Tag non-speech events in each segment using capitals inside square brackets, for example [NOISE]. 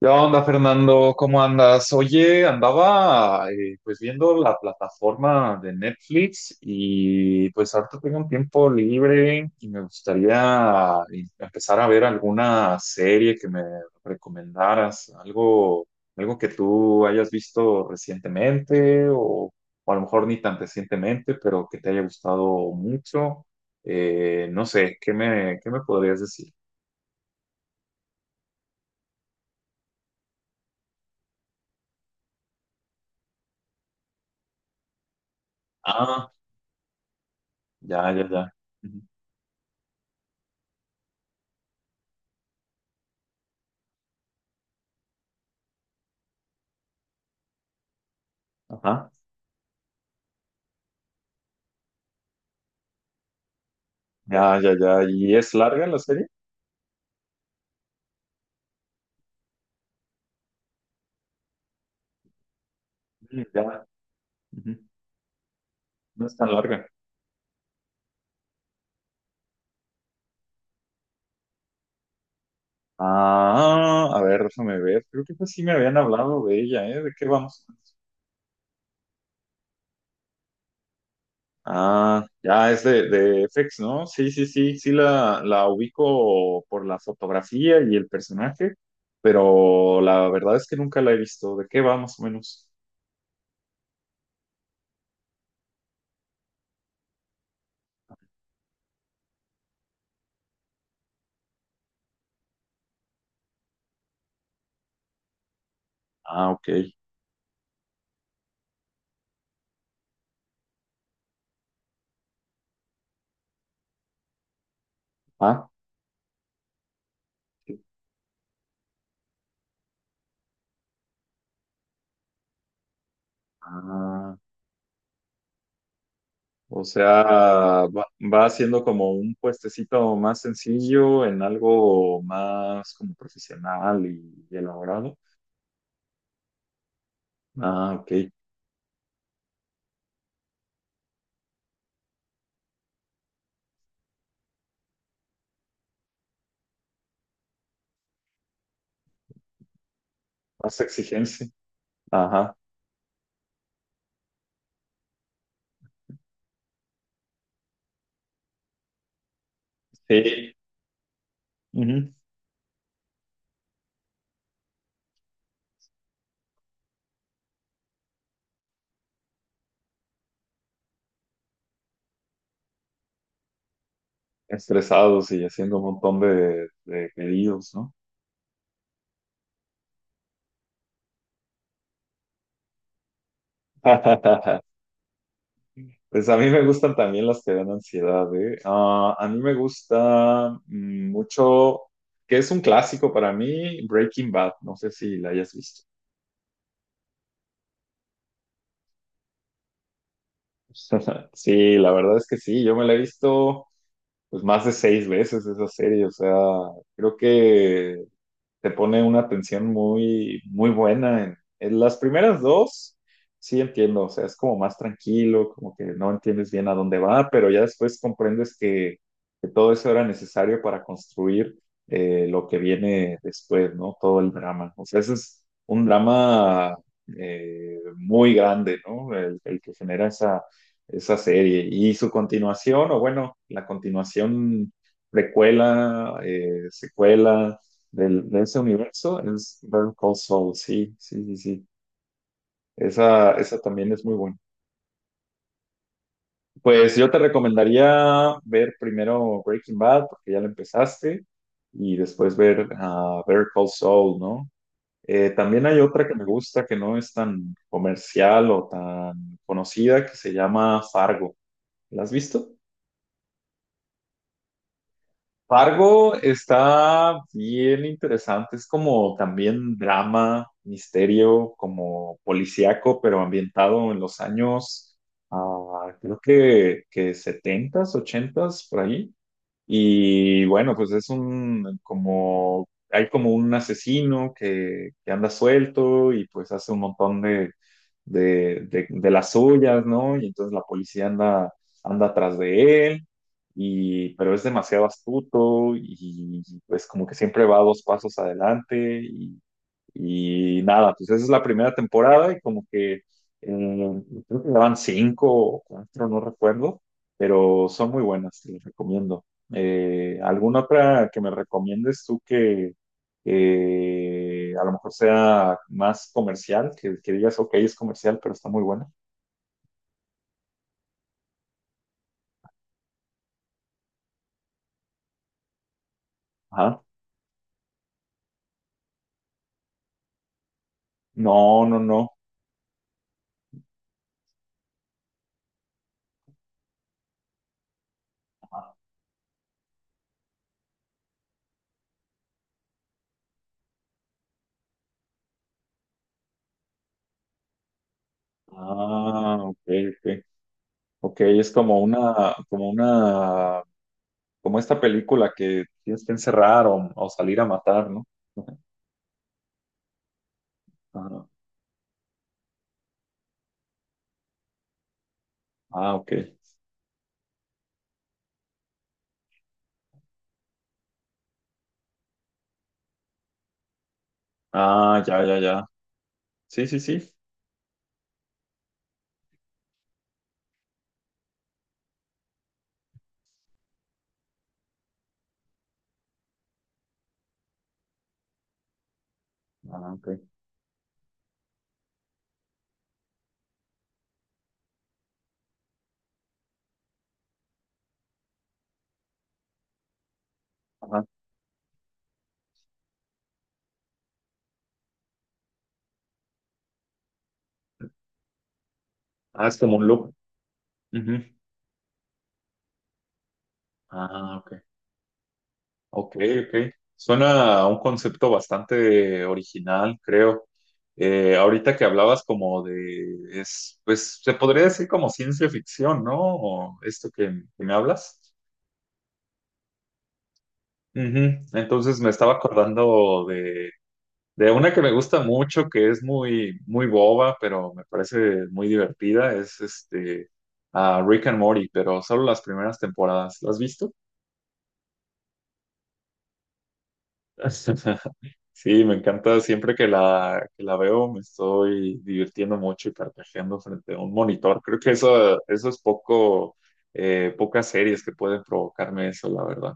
¿Qué onda, Fernando? ¿Cómo andas? Oye, andaba pues viendo la plataforma de Netflix, y pues ahorita tengo un tiempo libre y me gustaría empezar a ver alguna serie que me recomendaras, algo, algo que tú hayas visto recientemente o a lo mejor ni tan recientemente, pero que te haya gustado mucho. No sé, qué me podrías decir? Ah, ya, ya, ya. Ujú. Ajá. Ya, ya, ya. ¿Y es larga la serie? Sí, ya. Ujú. No es tan larga. Ah, a ver, déjame ver. Creo que pues sí me habían hablado de ella, ¿eh? ¿De qué vamos? Ah, ya es de FX, ¿no? Sí, sí, sí, sí la ubico por la fotografía y el personaje, pero la verdad es que nunca la he visto. ¿De qué va más o menos? Ah, ok. Ah, ah, o sea, va, va haciendo como un puestecito más sencillo en algo más como profesional y elaborado. Ah, ok. Más exigencia. Ajá. Sí. Ujú. Estresados y haciendo un montón de pedidos, ¿no? [LAUGHS] Pues a mí me gustan también las que dan ansiedad, ¿eh? Ah, a mí me gusta mucho, que es un clásico para mí, Breaking Bad. No sé si la hayas visto. [LAUGHS] Sí, la verdad es que sí, yo me la he visto pues más de seis veces esa serie, o sea, creo que te pone una tensión muy, muy buena. En las primeras dos, sí entiendo, o sea, es como más tranquilo, como que no entiendes bien a dónde va, pero ya después comprendes que todo eso era necesario para construir lo que viene después, ¿no? Todo el drama. O sea, ese es un drama muy grande, ¿no? El que genera esa, esa serie. Y su continuación, o bueno, la continuación, precuela, secuela de ese universo es Better Call Saul. Sí, sí, sí, sí. Esa también es muy buena. Pues yo te recomendaría ver primero Breaking Bad, porque ya lo empezaste, y después ver Better Call Saul, ¿no? También hay otra que me gusta que no es tan comercial o tan conocida, que se llama Fargo. ¿La has visto? Fargo está bien interesante, es como también drama, misterio, como policíaco, pero ambientado en los años, ah, creo que setentas, ochentas, por ahí. Y bueno, pues es un como, hay como un asesino que anda suelto y pues hace un montón de las suyas, ¿no? Y entonces la policía anda, anda atrás de él, y, pero es demasiado astuto y pues como que siempre va dos pasos adelante y nada, pues esa es la primera temporada y como que creo que daban cinco o cuatro, no recuerdo, pero son muy buenas, te las recomiendo. ¿Alguna otra que me recomiendes tú que a lo mejor sea más comercial, que digas, ok, es comercial, pero está muy buena? Ajá. No, no, no. Ah, ok, ok. Ok, es como una, como una como esta película que tienes que encerrar o salir a matar, ¿no? [LAUGHS] Ah, ah, ok. Ah, ya, ya, ya. Sí, sí, sí. Ah, ok. Ajá. Ah, es como un loop. Ujú. Ah, ok. Ok, ok. Suena a un concepto bastante original, creo. Ahorita que hablabas como de, es, pues se podría decir como ciencia ficción, ¿no? O esto que me hablas. Ujú. Entonces me estaba acordando de una que me gusta mucho, que es muy, muy boba, pero me parece muy divertida, es este a Rick and Morty, pero solo las primeras temporadas. ¿Las has visto? [LAUGHS] Sí, me encanta siempre que la veo, me estoy divirtiendo mucho y carcajeando frente a un monitor. Creo que eso es poco, pocas series que pueden provocarme eso, la verdad.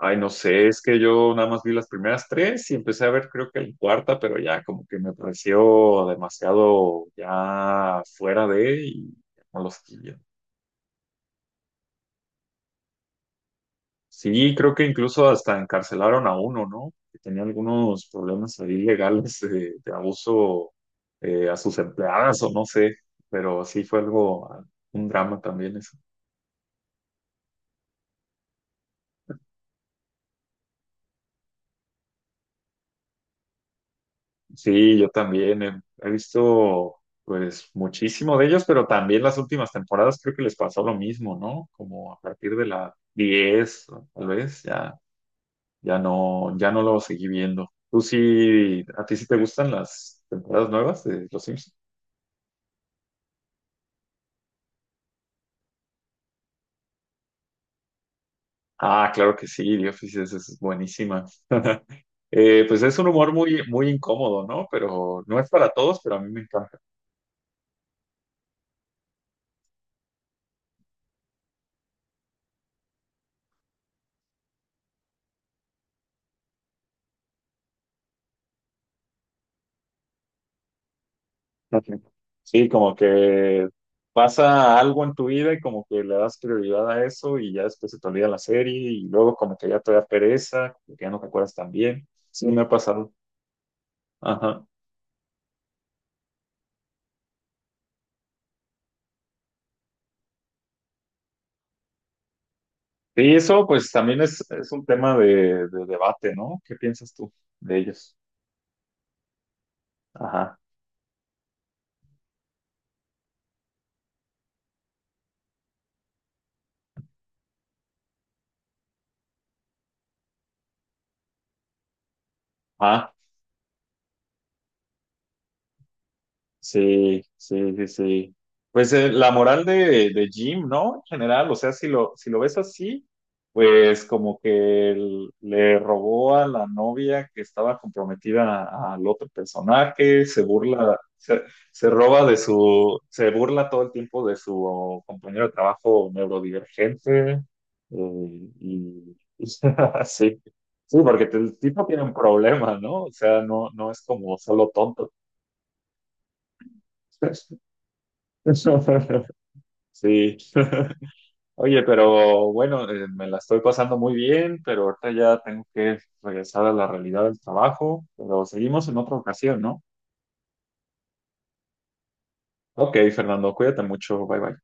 Ay, no sé, es que yo nada más vi las primeras tres y empecé a ver creo que la cuarta, pero ya como que me pareció demasiado ya fuera de y no los quería. Sí, creo que incluso hasta encarcelaron a uno, ¿no? Que tenía algunos problemas ahí legales de abuso a sus empleadas o no sé, pero sí fue algo, ah, un drama también eso. Sí, yo también he, he visto pues muchísimo de ellos, pero también las últimas temporadas creo que les pasó lo mismo, ¿no? Como a partir de la 10 o tal vez ya ya no ya no lo seguí viendo. ¿Tú sí a ti sí te gustan las temporadas nuevas de Los Simpsons? Ah, claro que sí, The Office es buenísima. [LAUGHS] Pues es un humor muy muy incómodo, ¿no? Pero no es para todos, pero a mí me encanta. Ujú. Sí, como que pasa algo en tu vida y como que le das prioridad a eso y ya después se te olvida la serie y luego como que ya te da pereza, como que ya no te acuerdas tan bien. Sí, me ha pasado. Ajá. Y eso pues también es un tema de debate, ¿no? ¿Qué piensas tú de ellos? Ajá. Ah, sí, sí, sí, sí. Pues la moral de Jim, ¿no? En general, o sea, si lo, si lo ves así, pues como que él le robó a la novia que estaba comprometida al otro personaje, se burla, se roba de su, se burla todo el tiempo de su compañero de trabajo neurodivergente. Y [LAUGHS] sí, sí, porque el tipo tiene un problema, ¿no? O sea, no, no es como solo tonto. [LAUGHS] [LAUGHS] Sí. [LAUGHS] Oye, pero bueno, me la estoy pasando muy bien, pero ahorita ya tengo que regresar a la realidad del trabajo, pero seguimos en otra ocasión, ¿no? Ok, Fernando, cuídate mucho, bye bye.